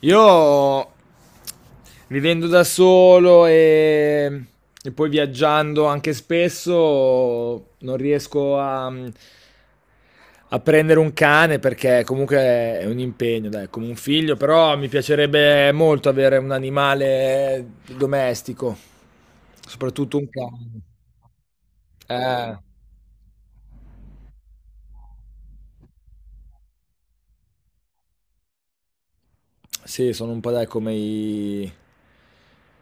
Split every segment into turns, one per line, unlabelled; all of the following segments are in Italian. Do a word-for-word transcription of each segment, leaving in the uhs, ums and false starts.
Io vivendo da solo e, e poi viaggiando anche spesso non riesco a, a prendere un cane perché comunque è un impegno, dai, è come un figlio, però mi piacerebbe molto avere un animale domestico, soprattutto un cane. Eh, sì, sono un po', dai, come i...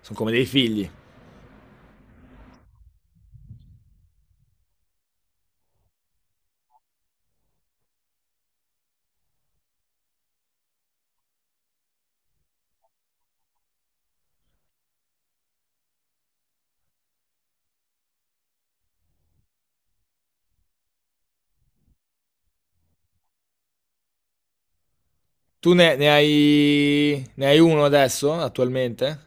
sono come dei figli. Tu ne, ne hai, ne hai uno adesso, attualmente?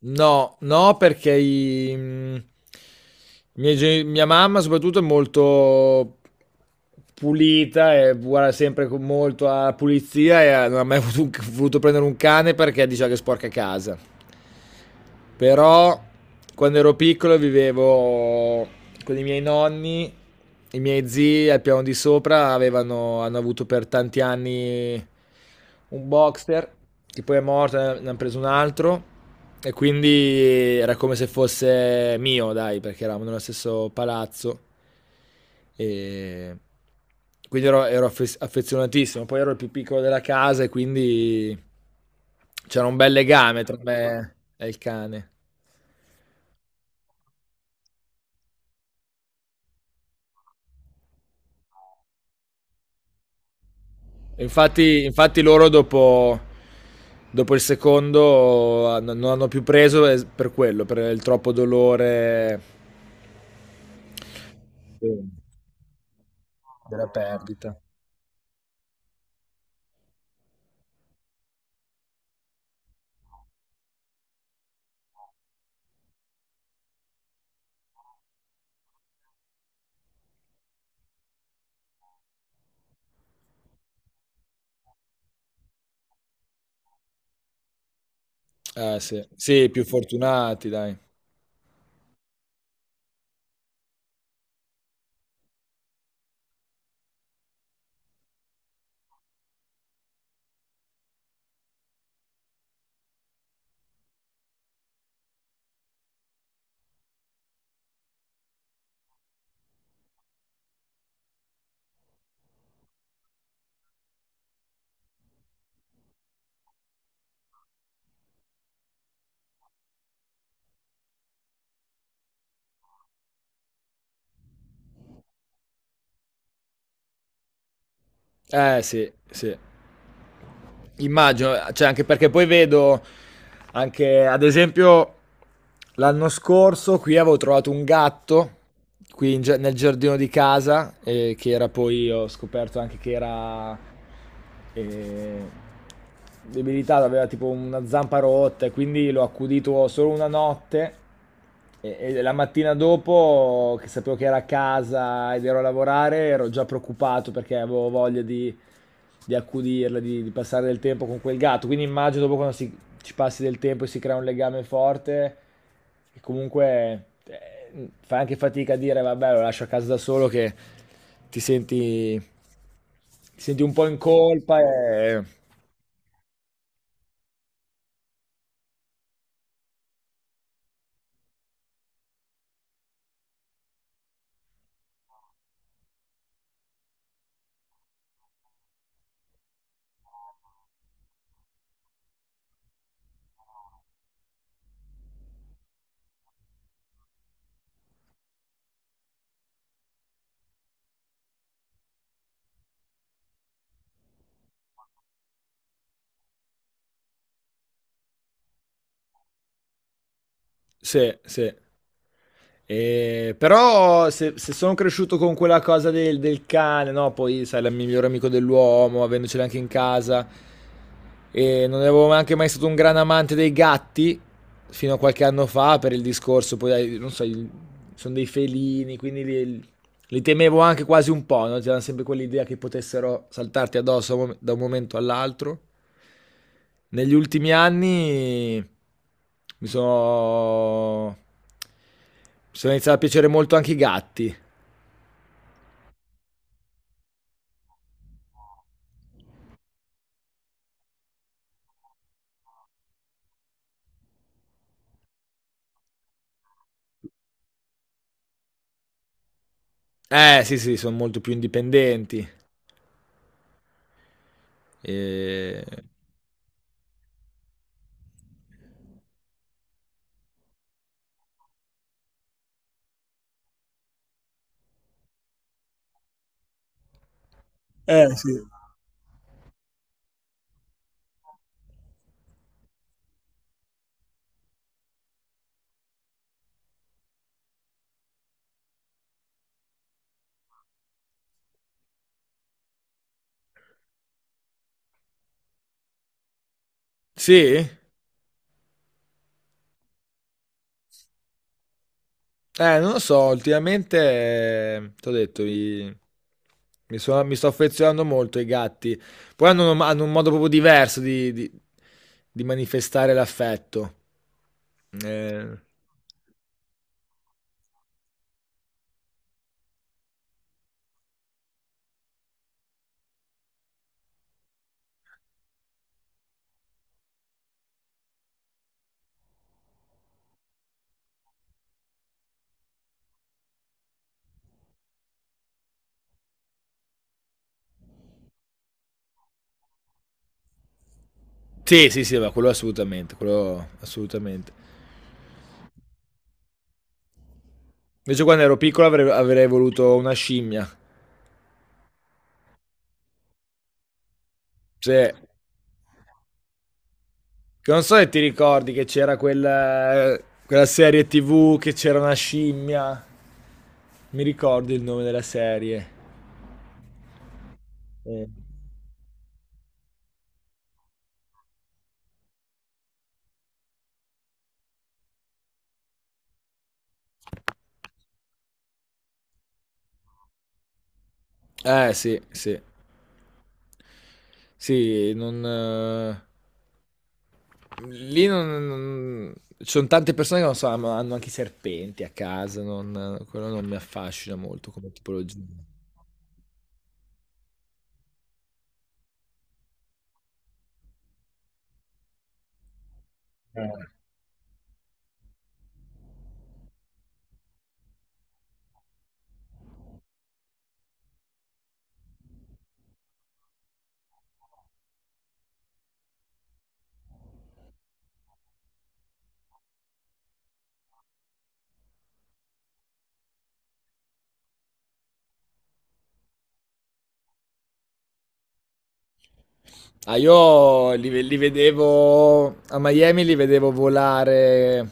No, no, perché i- mh, i miei geni- mia mamma soprattutto è molto pulita e guarda sempre con molto alla pulizia e a- non ha mai avuto un- voluto prendere un cane perché diceva che sporca casa. Però quando ero piccolo vivevo con i miei nonni, i miei zii al piano di sopra avevano, hanno avuto per tanti anni un boxer che poi è morto, ne hanno preso un altro. E quindi era come se fosse mio, dai, perché eravamo nello stesso palazzo. E quindi ero, ero affe- affezionatissimo. Poi ero il più piccolo della casa e quindi c'era un bel legame tra me e il cane. E Infatti, infatti loro dopo, dopo il secondo hanno- non hanno più preso es- per quello, per il troppo dolore, eh, della perdita. Eh sì, sì, più fortunati dai. Eh sì, sì. Immagino, cioè anche perché poi vedo anche, ad esempio, l'anno scorso qui avevo trovato un gatto qui in gia- nel giardino di casa, eh, che era poi, ho scoperto anche che era, eh, debilitato, aveva tipo una zampa rotta e quindi l'ho accudito solo una notte. E, e la mattina dopo, che sapevo che era a casa ed ero a lavorare, ero già preoccupato perché avevo voglia di, di accudirla, di, di passare del tempo con quel gatto. Quindi immagino dopo quando si- ci passi del tempo e si crea un legame forte, che comunque, eh, fai anche fatica a dire, vabbè, lo lascio a casa da solo, che ti senti, ti senti un po' in colpa e... Sì, sì. Eh, però se, se sono cresciuto con quella cosa del, del cane, no? Poi sai, la migliore amico dell'uomo, avendocela anche in casa, e non avevo neanche mai stato un gran amante dei gatti fino a qualche anno fa per il discorso, poi dai, non so, il- sono dei felini, quindi li- li temevo anche quasi un po', no? C'era sempre quell'idea che potessero saltarti addosso a un mom- da un momento all'altro. Negli ultimi anni mi sono... mi sono iniziato a piacere molto anche i gatti. Eh, sì, sì, sono molto più indipendenti. E... Eh sì. Sì? Eh, non lo so, ultimamente, ti ho detto, i- mi, sono- mi sto affezionando molto ai gatti. Poi hanno, un hanno un modo proprio diverso di, di- di manifestare l'affetto. Eh, sì, sì, sì, ma quello assolutamente, quello assolutamente. Invece quando ero piccolo avrei, avrei voluto una scimmia. Cioè, che non so se ti ricordi che c'era quella, quella serie T V che c'era una scimmia. Mi ricordo il nome della serie. Eh. Eh sì, sì. Sì, non... eh, Lì non... non- Ci sono tante persone che non so, hanno hanno anche i serpenti a casa, non, quello non mi affascina molto come tipologia. Eh. Ah, io li, ve- li vedevo a Miami, li vedevo volare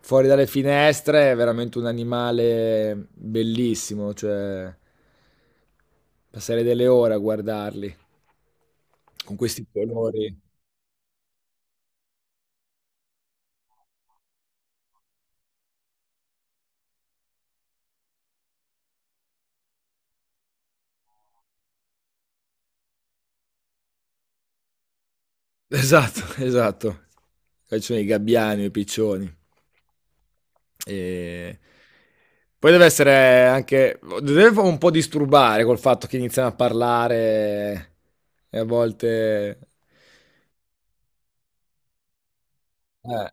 fuori dalle finestre, è veramente un animale bellissimo, cioè passare delle ore a guardarli con questi colori. Esatto, esatto. Poi ci sono i gabbiani, i piccioni. E... Poi deve essere anche... Deve un po' disturbare col fatto che iniziano a parlare e a volte... eh,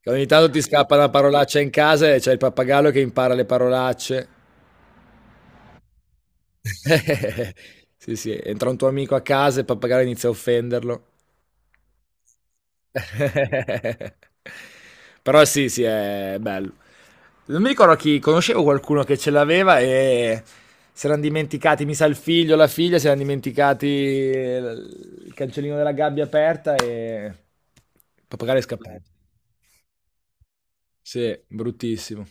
che ogni tanto ti scappa una parolaccia in casa e c'è il pappagallo che impara le parolacce. Sì, sì, entra un tuo amico a casa e il pappagallo inizia a offenderlo. Però sì, sì, è bello. Non mi ricordo chi, conoscevo qualcuno che ce l'aveva e si erano dimenticati, mi sa il figlio, o la figlia, si erano dimenticati il cancellino della gabbia aperta e il pappagallo è scappato. Sì, bruttissimo.